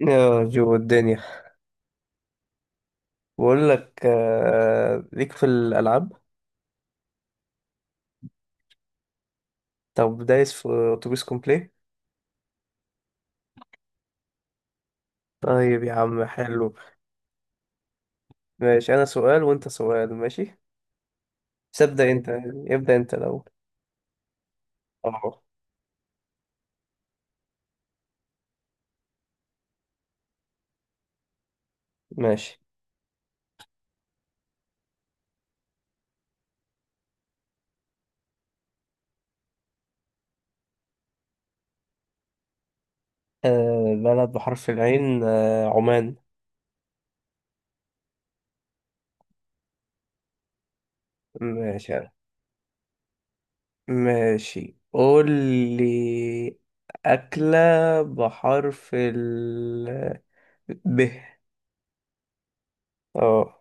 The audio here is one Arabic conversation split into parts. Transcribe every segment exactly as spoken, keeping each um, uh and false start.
يا جو الدنيا. بقول لك آه، ليك في الألعاب. طب دايس في أتوبيس كومبلي. طيب يا عم، حلو. ماشي، أنا سؤال وأنت سؤال، ماشي. بس ابدأ أنت. ابدأ أنت الأول. أه. ماشي. أه بلد بحرف العين، أه عمان. ماشي أنا. ماشي، قول لي أكلة بحرف ال ب. اه.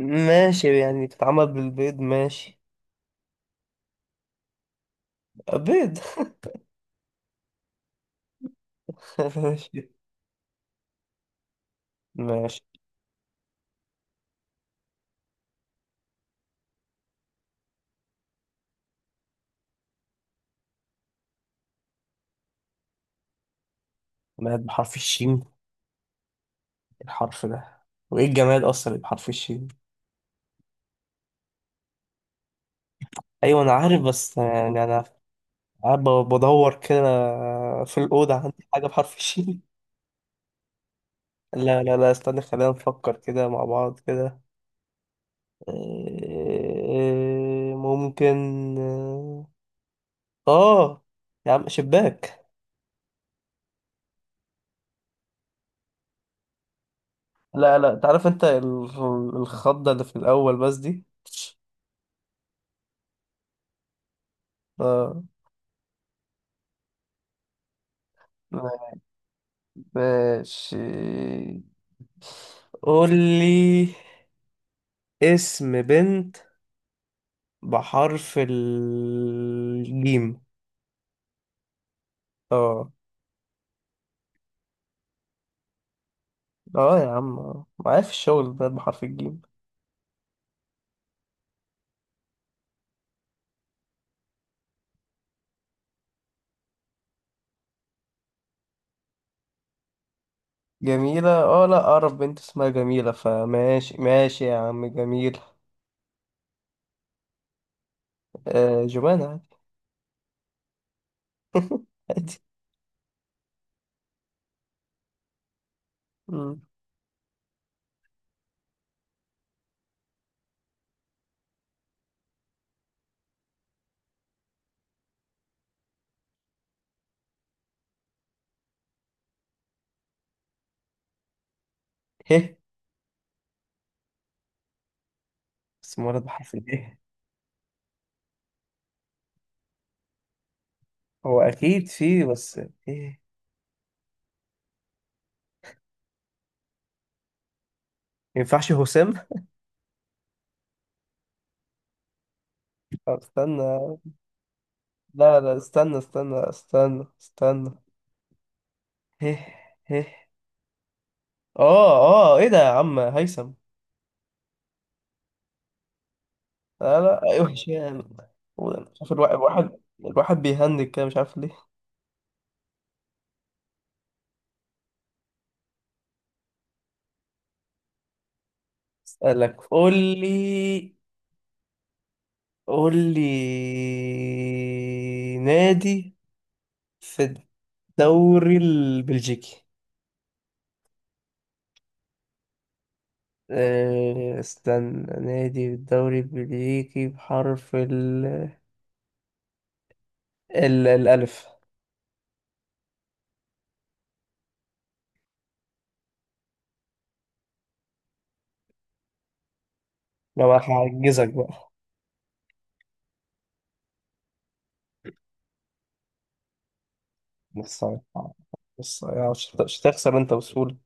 ماشي، يعني بتتعمل بالبيض، ماشي. بيض. ماشي. ماشي. جماد بحرف الشين إيه الحرف ده؟ وايه الجماد اصلا اللي بحرف الشين؟ ايوه انا عارف، بس يعني انا قاعد ب- بدور كده في الاوضه عندي حاجه بحرف الشين. لا لا لا، استنى، خلينا نفكر كده مع بعض كده. إيه، ممكن اه يا عم، شباك. لا لا، تعرف انت ال- الخضه اللي في الاول بس دي. اه. ماشي، قول لي اسم بنت بحرف الجيم. اه اه يا عم، آه. معايا في الشغل بنت بحرف الجيم. جميلة؟ اه، لا اعرف بنت اسمها جميلة، فماشي ماشي يا عم، جميل. آه، جمانة، عادي. عادي. مم. هه؟ اسم ولد بحرف اله؟ هو اكيد فيه، بس ايه؟ ما ينفعش هشام؟ طب استنى. لا لا، استنى استنى استنى استنى. هه هه اه اه ايه ده يا عم، هيثم! لا لا، وحش يعني، مش عارف. الواحد الواحد الواحد بيهنج كده، مش عارف ليه. اسألك. قول لي قول لي نادي في الدوري البلجيكي. آه، استنى، نادي في الدوري البلجيكي بحرف ال... ال... الألف. لو هعجزك بقى. بص بص، مش هت- مش هتخسر انت بسهولة.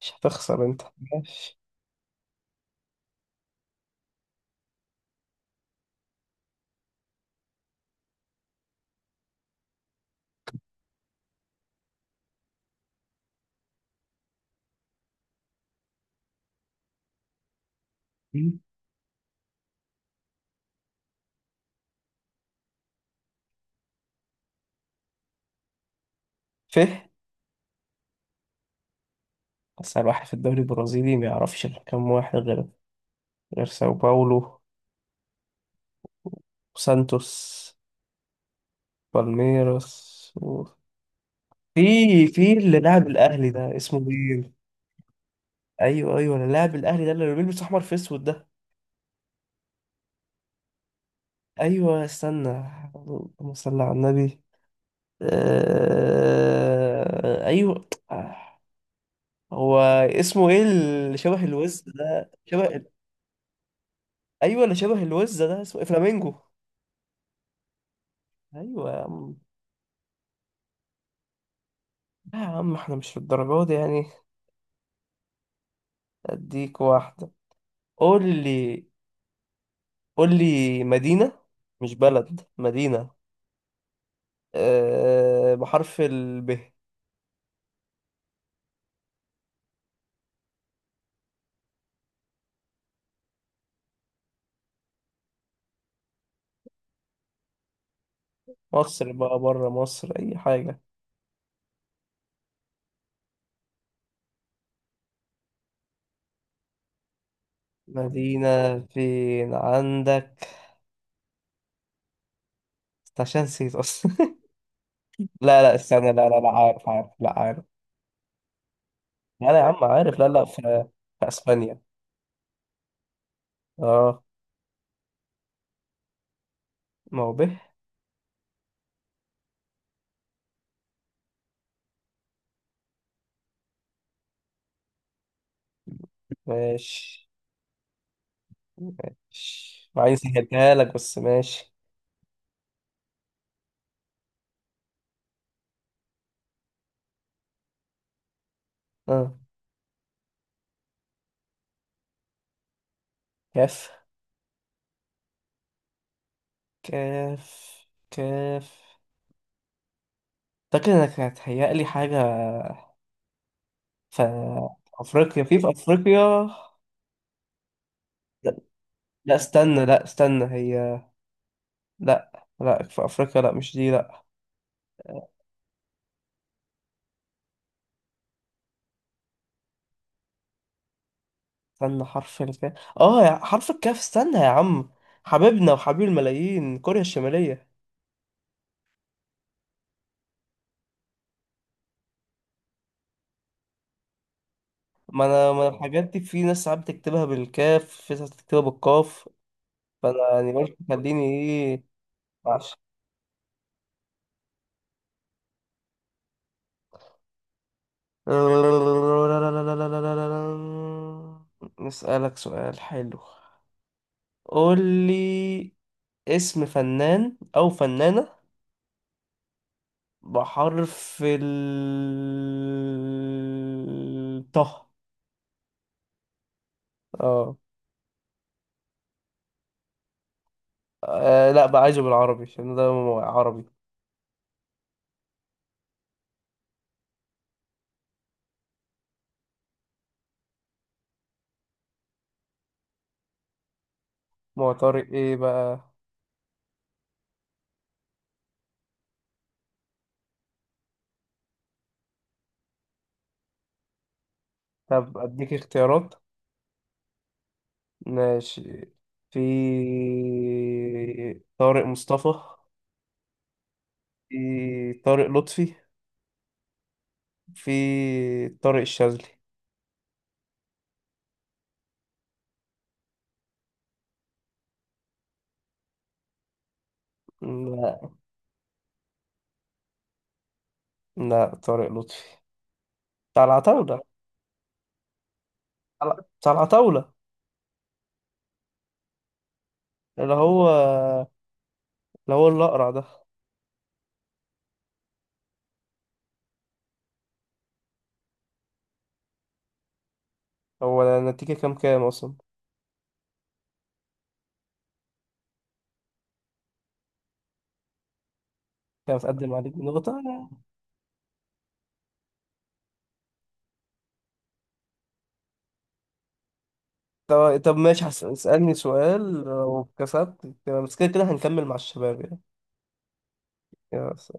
مش هتخسر انت. ماشي. ف أسهل واحد في الدوري البرازيلي ما يعرفش إلا كام واحد، غير غير ساو باولو وسانتوس، بالميراس و... في في اللي لاعب الأهلي ده اسمه مين؟ أيوه أيوه، اللي لاعب الأهلي ده اللي بيلبس أحمر في أسود ده. أيوه، استنى. اللهم صل على النبي. آه... أيوه آه، هو اسمه إيه اللي شبه الوز ده، شبه؟ أيوه، اللي شبه الوز ده اسمه إيه؟ فلامينجو! أيوه يا عم. لا يا عم، احنا مش في الدرجات دي يعني. اديك واحدة. قول لي قول لي مدينة، مش بلد، مدينة. أه بحرف الب. مصر بقى بره مصر أي حاجة. مدينة فين عندك؟ عشان نسيت أصلا. لا لا، استنى، لا لا، لا عارف، عارف، لا عارف. لا لا يا عم، عارف. لا لا، في, في أسبانيا. اه. ما هو به. ماشي. وبعدين سهلتها لك بس، ماشي. اه. كاف. كاف. كاف. أعتقد إنك هتهيألي حاجة في أفريقيا، في في أفريقيا. لا, لا، استنى، لا، استنى هي. لا لا، في أفريقيا، لا، مش دي، لا. استنى حرف الكاف. آه يا- حرف الكاف. استنى يا عم. حبيبنا وحبيب الملايين، كوريا الشمالية! ما أنا ما أنا الحاجات دي في ناس ساعات بتكتبها بالكاف، في ناس بتكتبها بالقاف. فأنا يعني قلت خليني إيه. معلش. نسألك سؤال حلو. قول لي اسم فنان أو فنانة بحرف ال طه. اه. آه، لا بقى، عايزه بالعربي عشان ده مو- عربي. ما هو طارق ايه بقى؟ طب اديك اختيارات. ماشي، في طارق مصطفى، في طارق لطفي، في طارق الشاذلي. لا لا، طارق لطفي بتاع العتاولة. بتاع العتاولة، اللي هو اللي هو الأقرع ده. هو النتيجة كام كام أصلا؟ كان متقدم عليك بنقطة. طب طب ماشي، هس- اسألني سؤال، لو كسبت تمام، بس كده كده هنكمل مع الشباب يعني. يا س-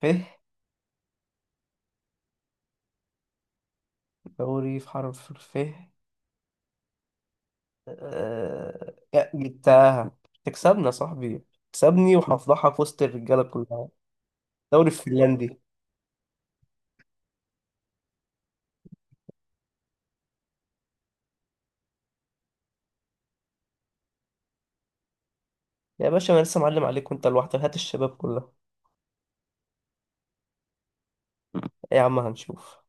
فه. دوري في حرف الفه. أه... يا- جبتها! تكسبنا يا صاحبي، تكسبني وهفضحك في وسط الرجالة كلها. دوري فنلندي! يا باشا، أنا لسه معلم عليك وأنت لوحدك، هات الشباب كلها. يا عم هنشوف.